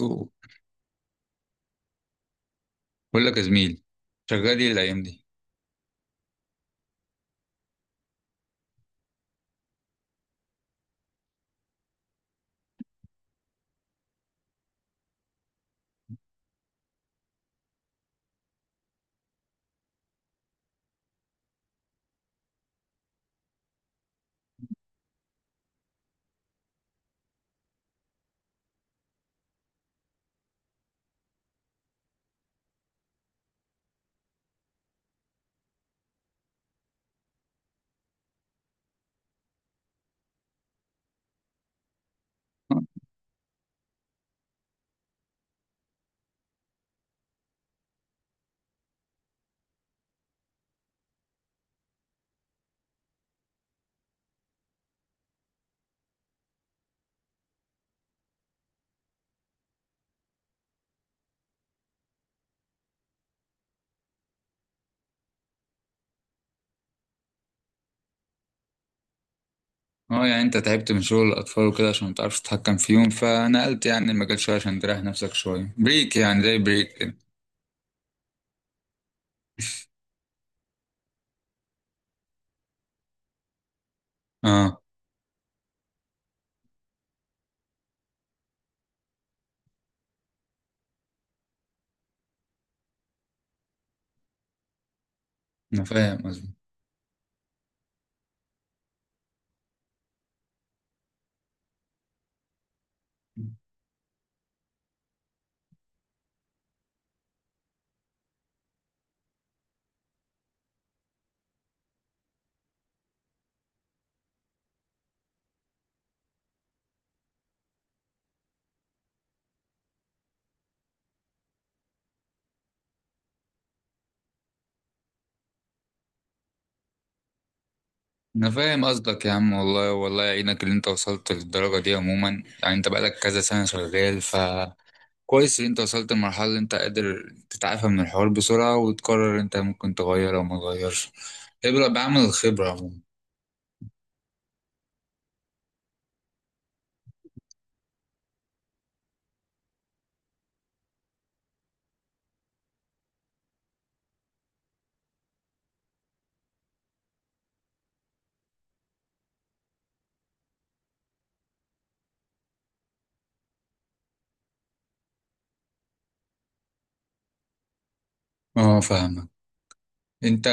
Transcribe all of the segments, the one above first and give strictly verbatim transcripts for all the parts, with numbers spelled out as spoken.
أوه. بقول لك يا زميل، شغال ايه الايام دي؟ اه، يعني انت تعبت من شغل الاطفال وكده عشان ما تعرفش تتحكم فيهم فنقلت يعني المجال شويه عشان تريح نفسك شويه، بريك يعني، زي بريك كده. اه، انا فاهم قصدك. انا فاهم قصدك يا عم، والله والله يعينك اللي انت وصلت للدرجه دي. عموما يعني انت بقالك كذا سنه شغال ف كويس ان انت وصلت لمرحله اللي انت قادر تتعافى من الحوار بسرعه وتقرر انت ممكن تغير او ما تغيرش. ابرأ بعمل الخبره عموما. اه، فاهمك. انت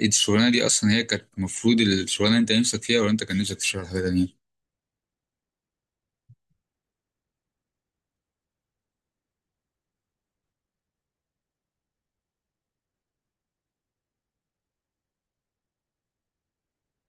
الشغلانه دي اصلا هي كانت المفروض، الشغلانه انت نفسك فيها ولا انت كان نفسك في شغل حاجه تانية؟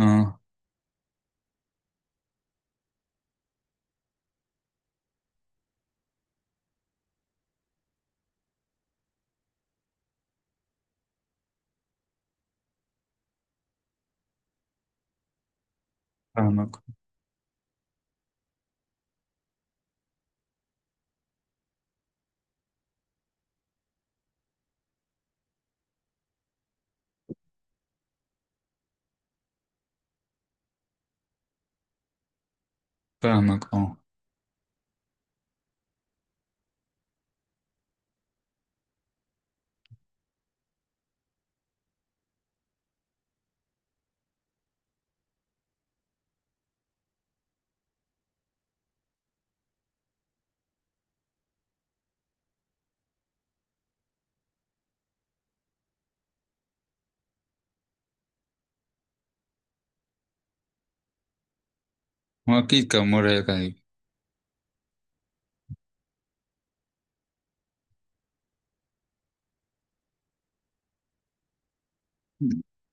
اه، فاهمك فاهمك اه، هو اكيد كان مره هيك عليك.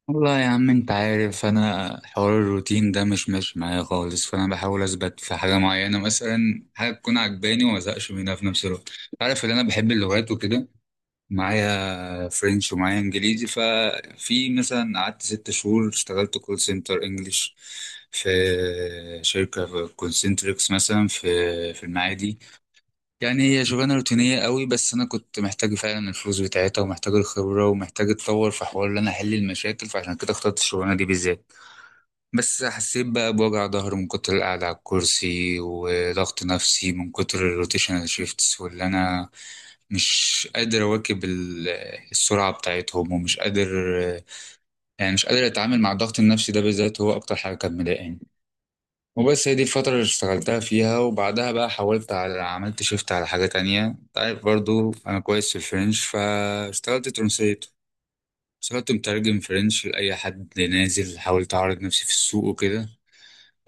والله يا عم، انت عارف انا حوار الروتين ده مش ماشي معايا خالص، فانا بحاول اثبت في حاجه معينه، مثلا حاجه تكون عجباني وما ازهقش منها في نفس الوقت. عارف ان انا بحب اللغات وكده، معايا فرنش ومعايا انجليزي، ففي مثلا قعدت ست شهور اشتغلت كول سنتر انجليش في شركة في كونسنتريكس مثلا، في في المعادي. يعني هي شغلانة روتينية قوي، بس انا كنت محتاج فعلا الفلوس بتاعتها، ومحتاج الخبرة، ومحتاج اتطور في حوار ان انا احل المشاكل، فعشان كده اخترت الشغلانة دي بالذات. بس حسيت بقى بوجع ظهر من كتر القعدة على الكرسي، وضغط نفسي من كتر الروتيشنال شيفتس، واللي أنا مش قادر أواكب ال- السرعة بتاعتهم، ومش قادر، يعني مش قادر أتعامل مع الضغط النفسي ده بالذات، هو أكتر حاجة كانت مضايقاني. وبس، هي دي الفترة اللي اشتغلتها فيها، وبعدها بقى حاولت على، عملت شيفت على حاجة تانية. أنت عارف برضو أنا كويس في الفرنش، فاشتغلت ترانسليت، اشتغلت مترجم فرنش لأي حد نازل، حاولت أعرض نفسي في السوق وكده.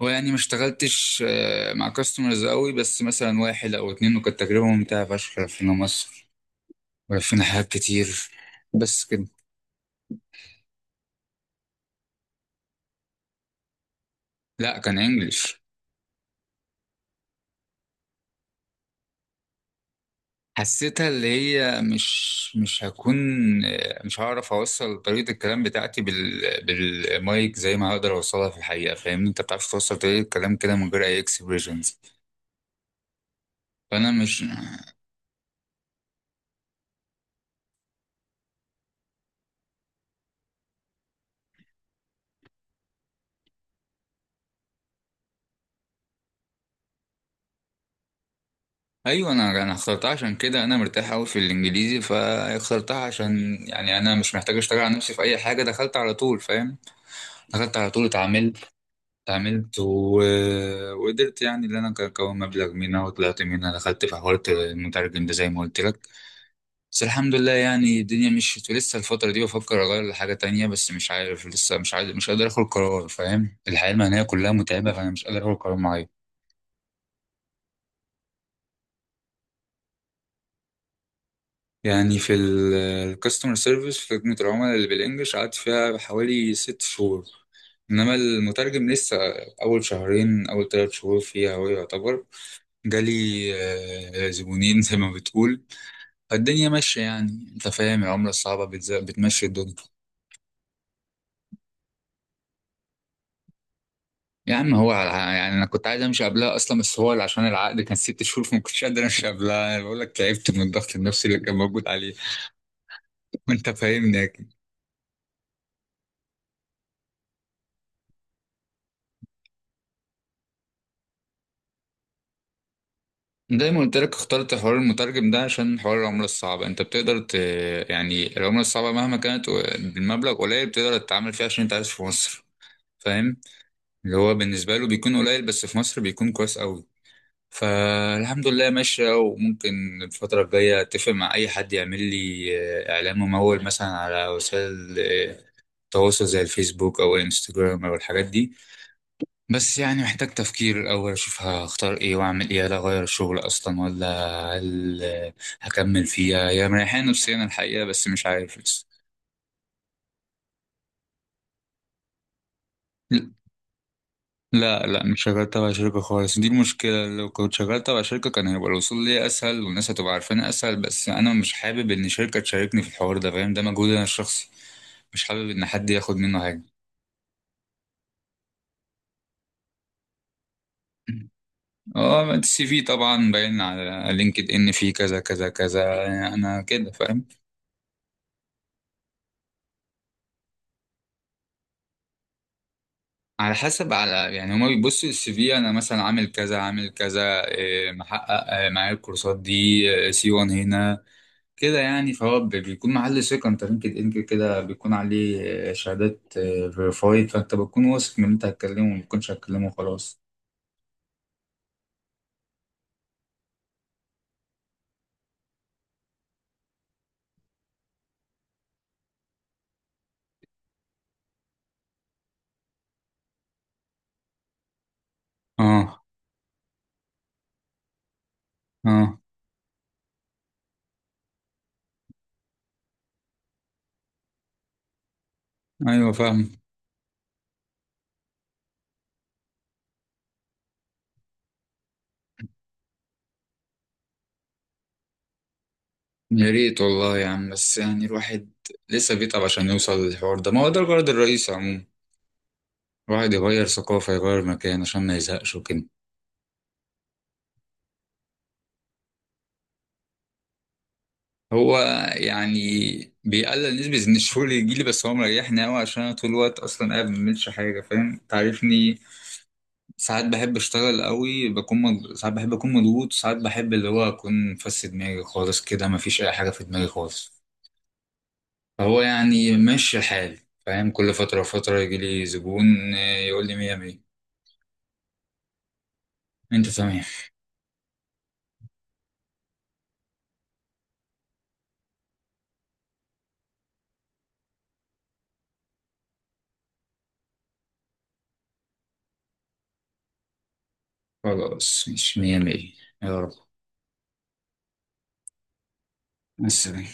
ويعني ما اشتغلتش، آه، مع كاستمرز قوي، بس مثلا واحد او اتنين، وكانت تجربة ممتعة فشخ. لفينا مصر ولفينا حاجات كتير، بس كده. لا، كان انجلش. حسيتها اللي هي مش مش هكون، آه، مش هعرف اوصل طريقة الكلام بتاعتي بال- بالمايك زي ما هقدر اوصلها في الحقيقة، فاهمني؟ انت بتعرف توصل طريقة الكلام كده من غير اي اكسبريشنز، فانا مش. ايوه، انا انا اخترتها عشان كده، انا مرتاح قوي في الانجليزي فاخترتها، عشان يعني انا مش محتاج اشتغل على نفسي في اي حاجه، دخلت على طول فاهم؟ دخلت على طول، اتعاملت اتعاملت و... وقدرت يعني ان انا اكون مبلغ منها، وطلعت منها دخلت في حوار المترجم ده زي ما قلت لك. بس الحمد لله يعني الدنيا مشيت، لسه الفتره دي بفكر اغير لحاجه تانية بس مش عارف لسه، مش عارف، مش قادر اخد قرار فاهم؟ الحياه المهنيه كلها متعبه فانا مش قادر اخد قرار معين. يعني في الكاستمر سيرفيس، في خدمة العملاء اللي بالإنجلش، قعدت فيها حوالي ست شهور. إنما المترجم، لسه أول شهرين، أول تلات شهور فيها، هو يعتبر جالي آه، زبونين زي ما بتقول. فالدنيا ماشية يعني، أنت فاهم العملة الصعبة بتز- بتمشي الدنيا. يا عم، هو على- يعني أنا كنت عايز أمشي قبلها أصلا، بس هو اللي عشان العقد كان ست شهور، فما كنتش قادر أمشي قبلها. أنا بقول لك تعبت من الضغط النفسي اللي كان موجود عليه. وأنت فاهمني. زي ما قلت لك، اخترت حوار المترجم ده عشان حوار العملة الصعبة، انت بتقدر ت... يعني العملة الصعبة مهما كانت و- بالمبلغ قليل بتقدر تتعامل فيها عشان انت عايش في مصر، فاهم؟ اللي هو بالنسبة له بيكون قليل، بس في مصر بيكون كويس قوي. فالحمد لله ماشية. وممكن الفترة الجاية اتفق مع اي حد يعمل لي آه، اعلان ممول مثلا على وسائل آه، التواصل، زي الفيسبوك او الانستجرام او الحاجات دي. بس يعني محتاج تفكير الأول، أشوف هختار إيه وأعمل إيه، هل أغير الشغل أصلا ولا هل هكمل فيها؟ هي مريحاني نفسيا الحقيقة، بس مش عارف لسه. لا لا، مش شغال تبع شركة خالص، دي المشكلة. لو كنت شغال تبع شركة كان هيبقى الوصول ليا أسهل، والناس هتبقى عارفاني أسهل، بس أنا مش حابب إن شركة تشاركني في الحوار ده، فاهم؟ ده مجهود أنا الشخصي، مش حابب إن حد ياخد منه حاجة. اه، السي في طبعا باين على لينكد إن، فيه كذا كذا كذا، أنا كده فاهم. على حسب، على يعني هما بيبصوا السي في، انا مثلا عامل كذا، عامل كذا، إيه، محقق إيه، معايا الكورسات دي، سي ون هنا كده يعني. فهو بي- بيكون محل ثقة، انت لينكد ان كده كده بيكون عليه إيه، شهادات فيريفايد، فانت بتكون واثق من اللي انت هتكلمه، وما بتكونش هتكلمه خلاص. اه. اه. ايوه، فاهم. يا ريت والله يا عم، بس يعني الواحد لسه بيتعب عشان يوصل للحوار ده، ما هو ده الغرض الرئيسي عموما، الواحد يغير ثقافة، يغير مكان عشان ما يزهقش وكده. هو يعني بيقلل نسبة إن الشغل يجيلي، بس هو مريحني أوي عشان أنا طول الوقت أصلا قاعد ما بعملش حاجة، فاهم؟ تعرفني، ساعات بحب أشتغل أوي، بكون مض... ساعات بحب أكون مضغوط، ساعات بحب اللي هو أكون فس دماغي خالص كده، مفيش أي حاجة في دماغي خالص. فهو يعني ماشي الحال، فاهم؟ كل فترة وفترة يجيلي زبون، آه، يقول لي مية مية، أنت تمام. خلاص مش مية مية. يا رب. مع السلامة.